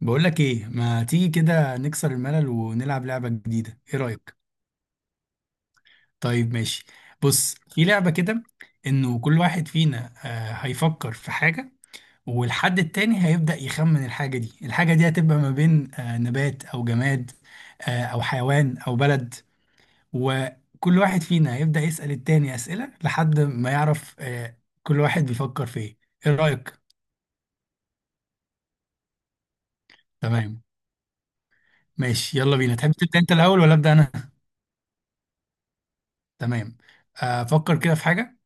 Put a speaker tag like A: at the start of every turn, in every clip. A: بقولك ايه؟ ما تيجي كده نكسر الملل ونلعب لعبة جديدة؟ ايه رأيك؟ طيب ماشي. بص، في لعبة كده، انه كل واحد فينا هيفكر في حاجة، والحد التاني هيبدأ يخمن الحاجة دي. الحاجة دي هتبقى ما بين نبات او جماد او حيوان او بلد. وكل واحد فينا هيبدأ يسأل التاني أسئلة لحد ما يعرف كل واحد بيفكر في ايه. ايه رأيك؟ تمام ماشي يلا بينا. تحب تبدأ انت الأول ولا أبدأ انا؟ تمام. افكر كده في حاجة.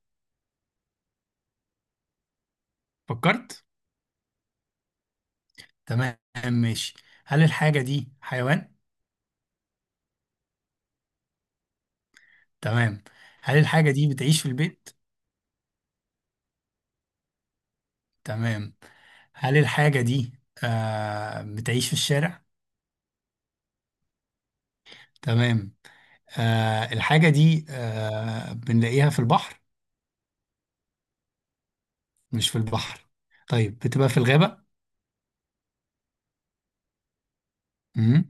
A: فكرت. تمام ماشي. هل الحاجة دي حيوان؟ تمام. هل الحاجة دي بتعيش في البيت؟ تمام. هل الحاجة دي بتعيش في الشارع؟ تمام. الحاجة دي بنلاقيها في البحر؟ مش في البحر؟ طيب، بتبقى في الغابة؟ مم.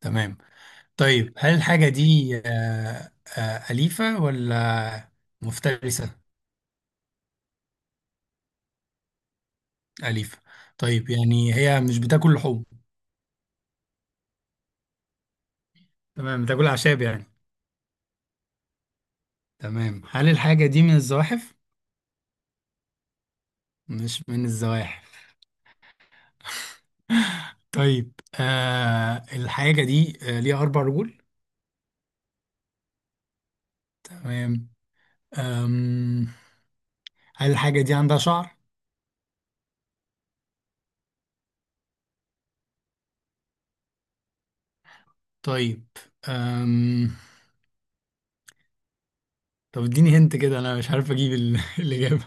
A: تمام. طيب هل الحاجة دي أليفة ولا مفترسة؟ أليفة؟ طيب، يعني هي مش بتاكل لحوم؟ تمام، بتاكل أعشاب يعني. تمام، هل الحاجة دي من الزواحف؟ مش من الزواحف. طيب، الحاجة دي ليها أربع رجول. تمام. آم هل الحاجة دي عندها شعر؟ طيب. آم طب اديني هنت كده، أنا مش عارف أجيب الإجابة.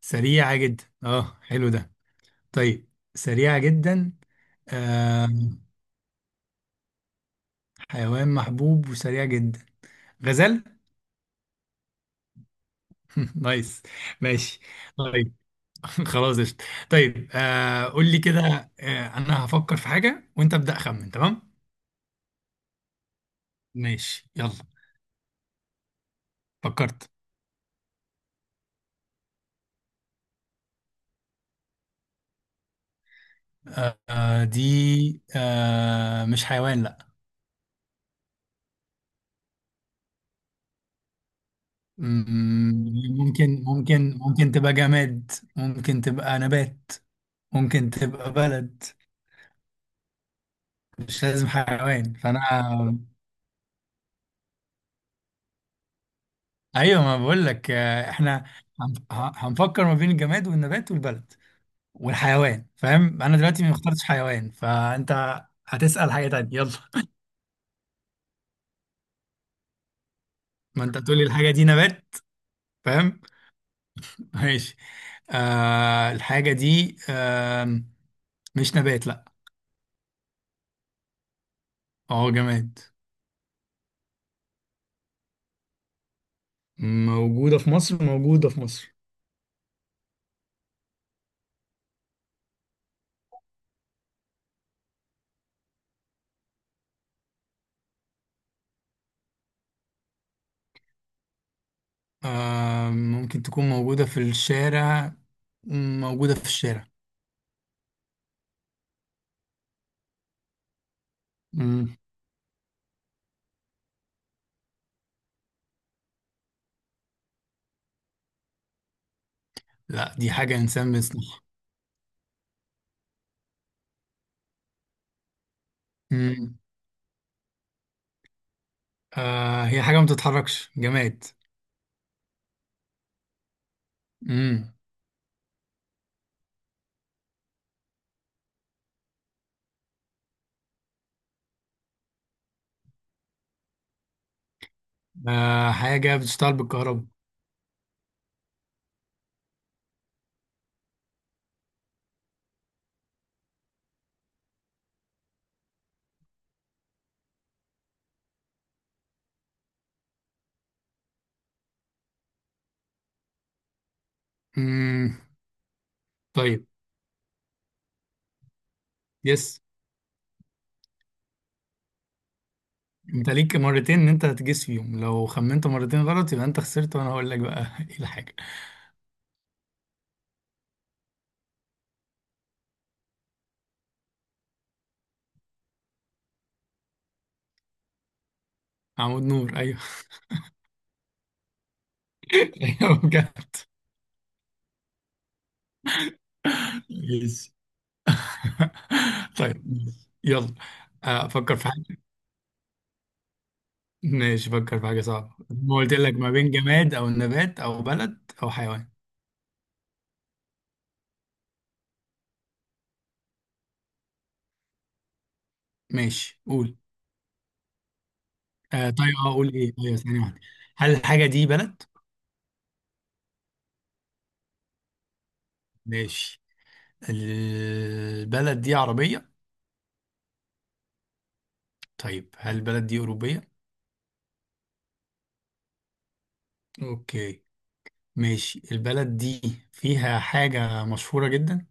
A: سريعة جدا، اه، حلو ده. طيب، سريعة جدا. آم حيوان محبوب وسريع جدا. غزال؟ نايس. ماشي. طيب. خلاص قشطة. طيب، قول لي كده، انا هفكر في حاجة وانت ابدأ خمن. تمام، ماشي يلا. فكرت. دي مش حيوان، لا. مم، ممكن تبقى جماد، ممكن تبقى نبات، ممكن تبقى بلد. مش لازم حيوان فانا. ايوه، ما بقول لك، احنا هنفكر ما بين الجماد والنبات والبلد والحيوان. فاهم؟ انا دلوقتي ما اخترتش حيوان، فانت هتسأل حاجة تانية يلا. ما انت تقولي الحاجة دي نبات. فاهم. ماشي. الحاجة دي مش نبات، لا. اه، جماد. موجودة في مصر، موجودة في مصر. ممكن تكون موجودة في الشارع. موجودة في الشارع. مم. لا، دي حاجة إنسان بيصنعها. مم. هي حاجة ما بتتحركش، جماد. مم. حاجة بتشتغل بالكهرباء. مم. طيب. يس. انت ليك مرتين ان انت هتجس فيهم، لو خمنت مرتين غلط يبقى انت خسرت، وانا هقول لك بقى ايه الحاجه. عمود نور، ايوه. ايوه، بجد. يس. طيب. يلا، فكر في حاجه. ماشي، فكر في حاجه صعبه، ما قلت لك ما بين جماد او نبات او بلد او حيوان. ماشي، قول. طيب، قول ايه. ايوه، ثانيه واحده. هل الحاجه دي بلد؟ ماشي. البلد دي عربيه؟ طيب، هل البلد دي اوروبيه؟ اوكي. ماشي، البلد دي فيها حاجة مشهورة جدا؟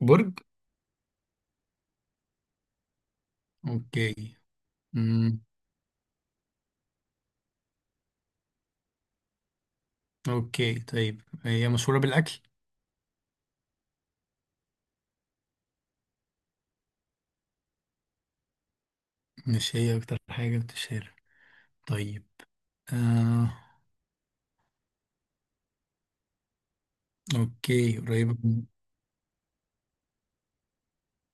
A: برج؟ اوكي. امم اوكي طيب، هي مشهورة بالأكل؟ مش هي أكتر حاجة بتشهر. طيب. آه اوكي، قريبة من-.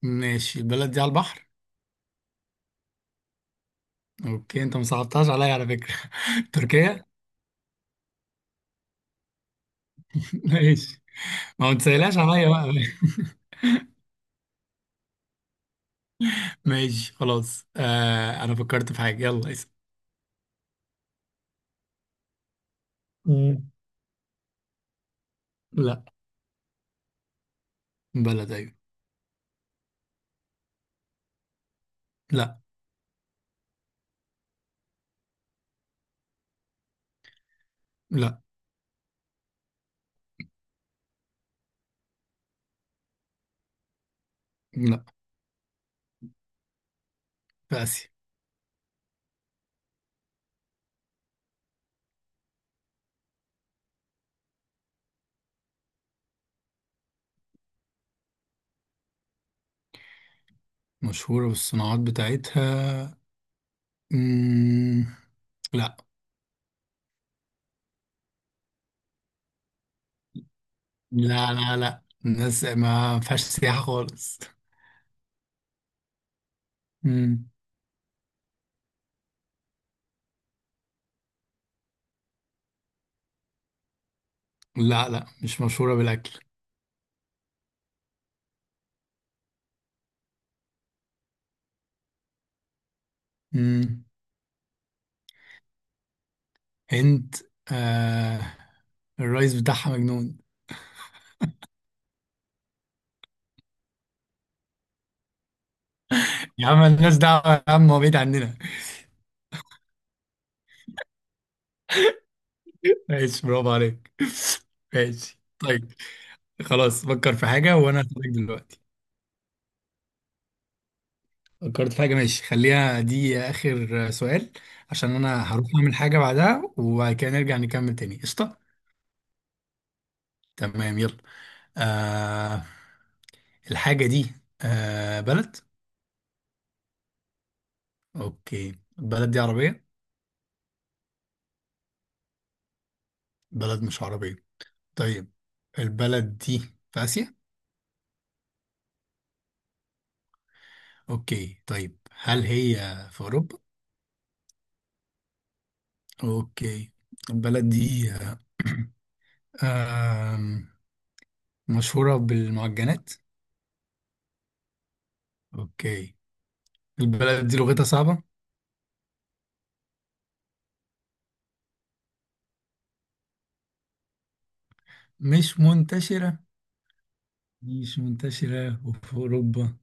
A: ماشي، البلد دي على البحر؟ اوكي، انت ما صعبتهاش عليا على فكرة. تركيا. ماشي. ما هو متسألهاش عليا بقى. ماشي خلاص. انا فكرت في حاجة، يلا اسأل. مم. لا. بلد، ايوه. لا. لا، لا في آسيا. مشهورة بالصناعات بتاعتها. مم... لا. لا لا لا، الناس ما فيهاش سياحة خالص. مم. لا لا، مش مشهورة بالأكل. مم. هند. آه... الرئيس بتاعها مجنون. يا عم الناس دعوة، يا عم هو بعيد عننا. ماشي، برافو عليك. ماشي طيب. خلاص، فكر في حاجة وأنا هسألك دلوقتي. فكرت في حاجة. ماشي، خليها دي آخر سؤال عشان أنا هروح أعمل حاجة بعدها، وبعد كده نرجع نكمل تاني. قشطة. تمام يلا. آه الحاجة دي بلد. أوكي، البلد دي عربية؟ بلد مش عربية. طيب، البلد دي في آسيا؟ أوكي، طيب هل هي في أوروبا؟ أوكي. البلد دي آم، مشهورة بالمعجنات؟ أوكي. البلد دي لغتها صعبة؟ مش منتشرة؟ مش منتشرة وفي أوروبا،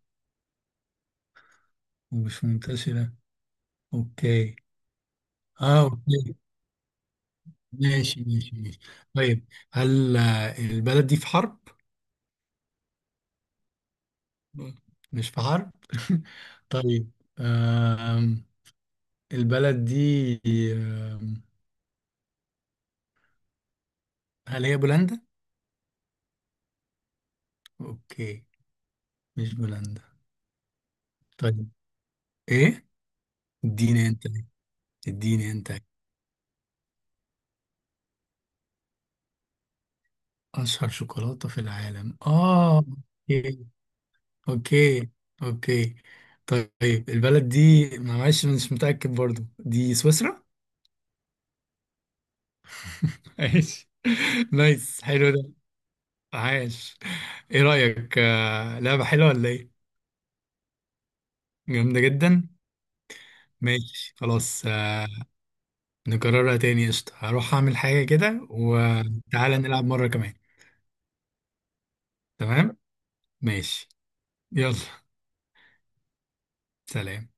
A: ومش منتشرة. أوكي. أوكي. ماشي ماشي ماشي. طيب. هل البلد دي في حرب؟ مش في حرب؟ طيب. آم، البلد دي. آم، هل هي بولندا؟ أوكي، مش بولندا. طيب، إيه؟ اديني أنت. اديني أنت. أشهر شوكولاتة في العالم؟ أوكي. اوكي اوكي. طيب، البلد دي، معلش مش متأكد، برضو دي سويسرا؟ ماشي. نايس، حلو ده. عاش. ايه رأيك، لعبة حلوة ولا ايه؟ جامدة جدا. ماشي خلاص. نكررها تاني، قشطة. هروح اعمل حاجة كده وتعالى نلعب مرة كمان. تمام. ماشي. يلا. سلام.